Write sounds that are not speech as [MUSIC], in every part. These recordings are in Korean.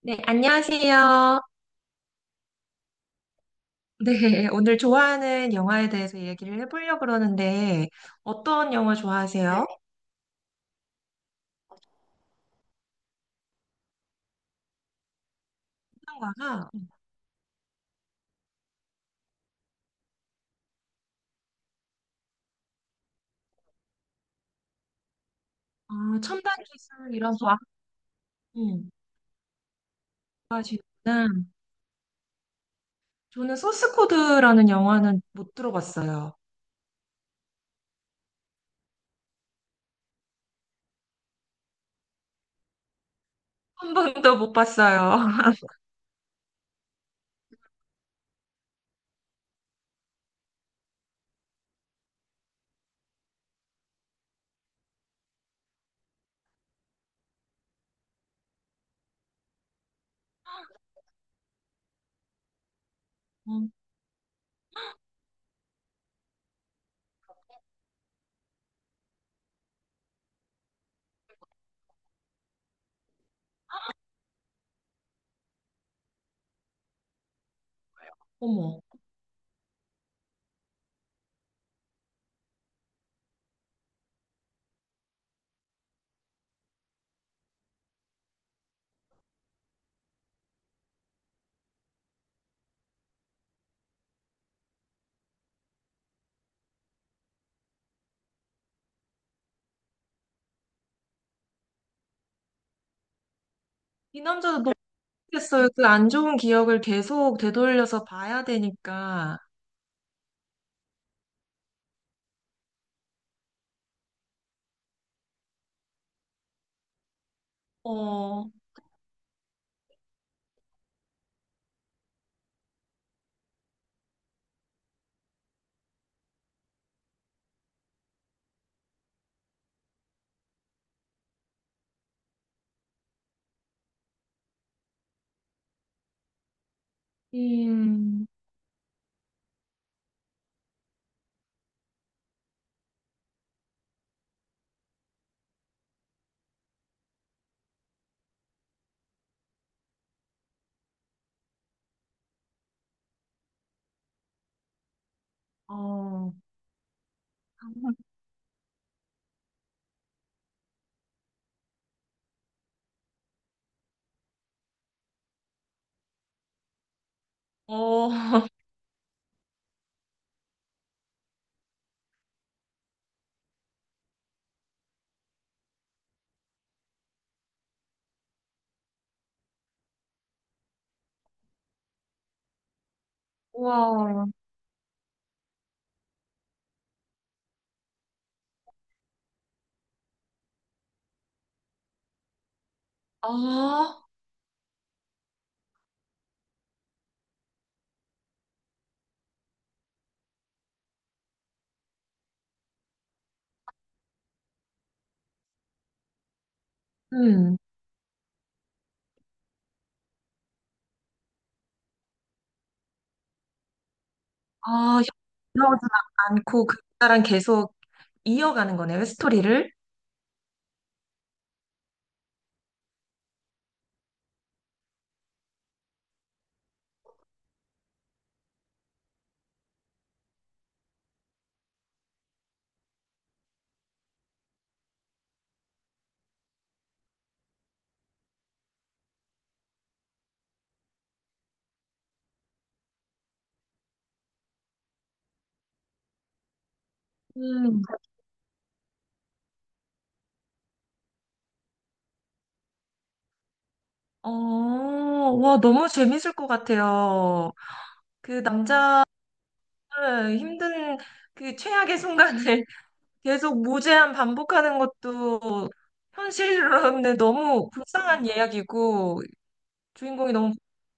네, 안녕하세요. 네, 오늘 좋아하는 영화에 대해서 얘기를 해보려고 그러는데, 어떤 영화 좋아하세요? 한국가 아, 첨단 기술 이런 거 음, 좋아하시구나. 저는 소스 코드라는 영화는 못 들어봤어요. 한 번도 못 봤어요. [LAUGHS] 어, 어머, 이 남자도 너무 좋겠어요. 그 안 좋은 기억을 계속 되돌려서 봐야 되니까. 어, 음, 어, 어, [LAUGHS] 우와. 아, 음. 아, 들어오진 않고 그나랑 계속 이어가는 거네요, 스토리를. 음. 어, 와, 너무 재밌을 것 같아요. 그 남자를 힘든 그 최악의 순간을 [LAUGHS] 계속 무제한 반복하는 것도 현실로는 너무 불쌍한 이야기고, 주인공이 너무 쌍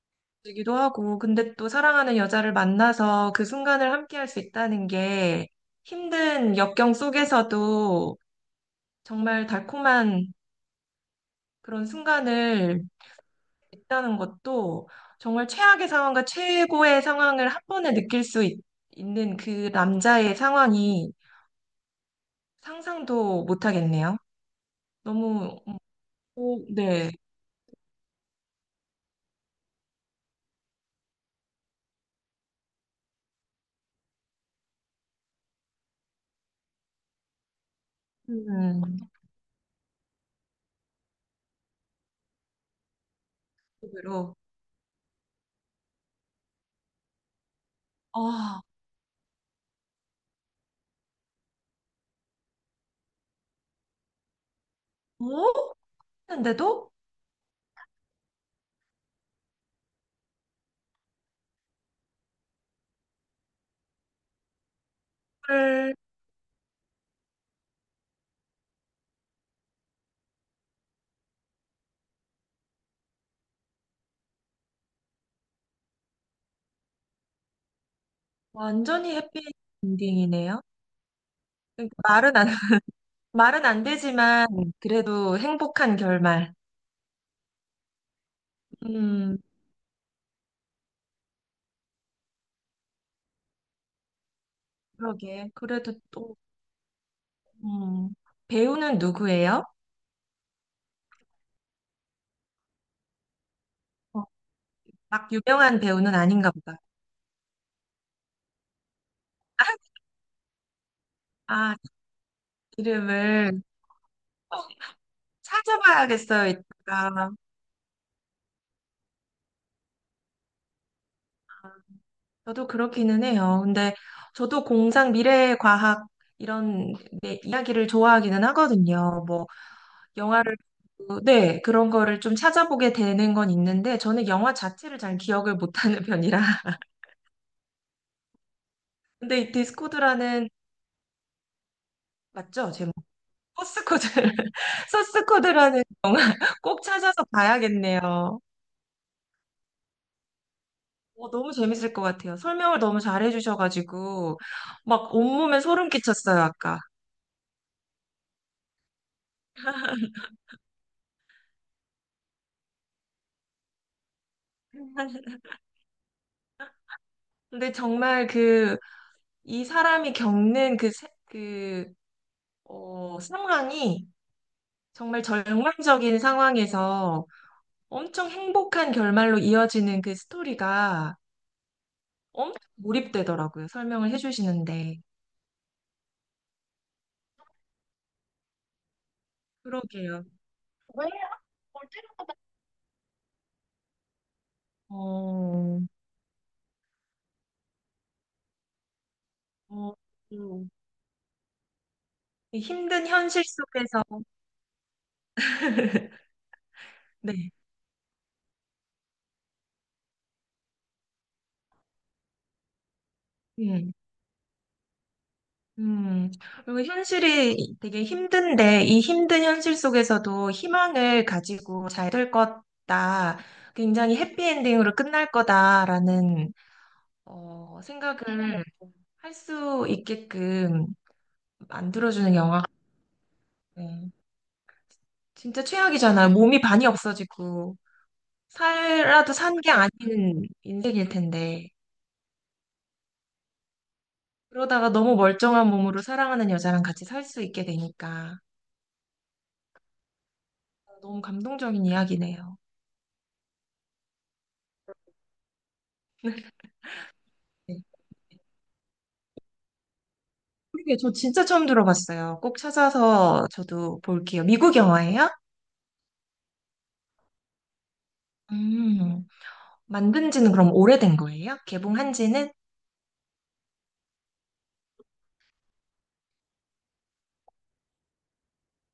하기도 하고, 근데 또 사랑하는 여자를 만나서 그 순간을 함께할 수 있다는 게 힘든 역경 속에서도 정말 달콤한 그런 순간을 있다는 것도 정말 최악의 상황과 최고의 상황을 한 번에 느낄 수 있, 는그 남자의 상황이 상상도 못 하겠네요. 너무, 오, 네. 음, 으로 아, 뭐? 했는데도? 를 완전히 해피 엔딩이네요. 그러니까 말은 안, [LAUGHS] 말은 안 되지만, 그래도 행복한 결말. 음, 그러게. 그래도 또 음, 배우는 누구예요? 어, 막 유명한 배우는 아닌가 보다. 아, 이름을 어, 찾아봐야겠어요, 이따가. 저도 그렇기는 해요. 근데 저도 공상 미래과학 이런 네, 이야기를 좋아하기는 하거든요. 뭐 영화를 보고, 네, 그런 거를 좀 찾아보게 되는 건 있는데 저는 영화 자체를 잘 기억을 못하는 편이라. [LAUGHS] 근데 이 디스코드라는 맞죠? 제목 소스 코드 [LAUGHS] 소스 코드라는 꼭 찾아서 봐야겠네요. 어, 너무 재밌을 것 같아요. 설명을 너무 잘해 주셔가지고 막 온몸에 소름 끼쳤어요, 아까. 근데 정말 이 사람이 겪는 그, 세- 그, 어, 상황이 정말 절망적인 상황에서 엄청 행복한 결말로 이어지는 그 스토리가 엄청 몰입되더라고요. 설명을 해 주시는데. 그러게요. 왜? 볼 때마다. 어, 어, 음. 이 힘든 현실 속에서 [LAUGHS] 네. 음. 음, 그리고 현실이 되게 힘든데, 이 힘든 현실 속에서도 희망을 가지고 잘 될 거다. 굉장히 해피엔딩으로 끝날 거다라는, 어, 생각을 할 수 있게끔 만들어주는 영화. 같아요. 진짜 최악이잖아요. 몸이 반이 없어지고, 살라도 산 게 아닌 인생일 텐데. 그러다가 너무 멀쩡한 몸으로 사랑하는 여자랑 같이 살 수 있게 되니까. 너무 감동적인 이야기네요. 네. 그게 저 진짜 처음 들어봤어요. 꼭 찾아서 저도 볼게요. 미국 영화예요? 음, 만든 지는 그럼 오래된 거예요? 개봉한 지는?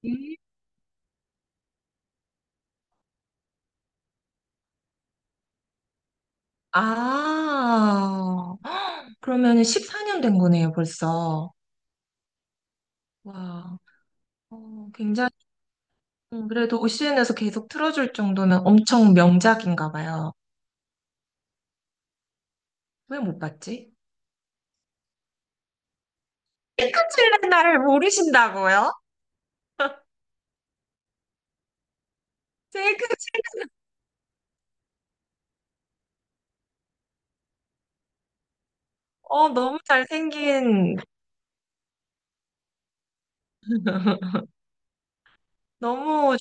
음. 아, 그러면 14년 된 거네요, 벌써. 와, 어, 굉장히, 그래도 OCN에서 계속 틀어줄 정도면 엄청 명작인가 봐요. 왜 못 봤지? 핑크칠레 나를 모르신다고요? 제이크 칠레, 어, 너무 잘생긴, 너무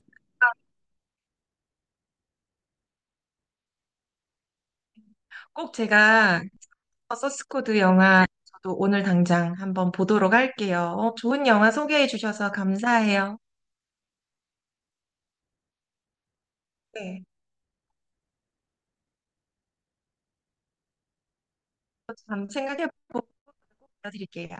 꼭 제가 서스코드 영화 저도 오늘 당장 한번 보도록 할게요. 어, 좋은 영화 소개해 주셔서 감사해요. 네, 한번 생각해 보고 알려드릴게요.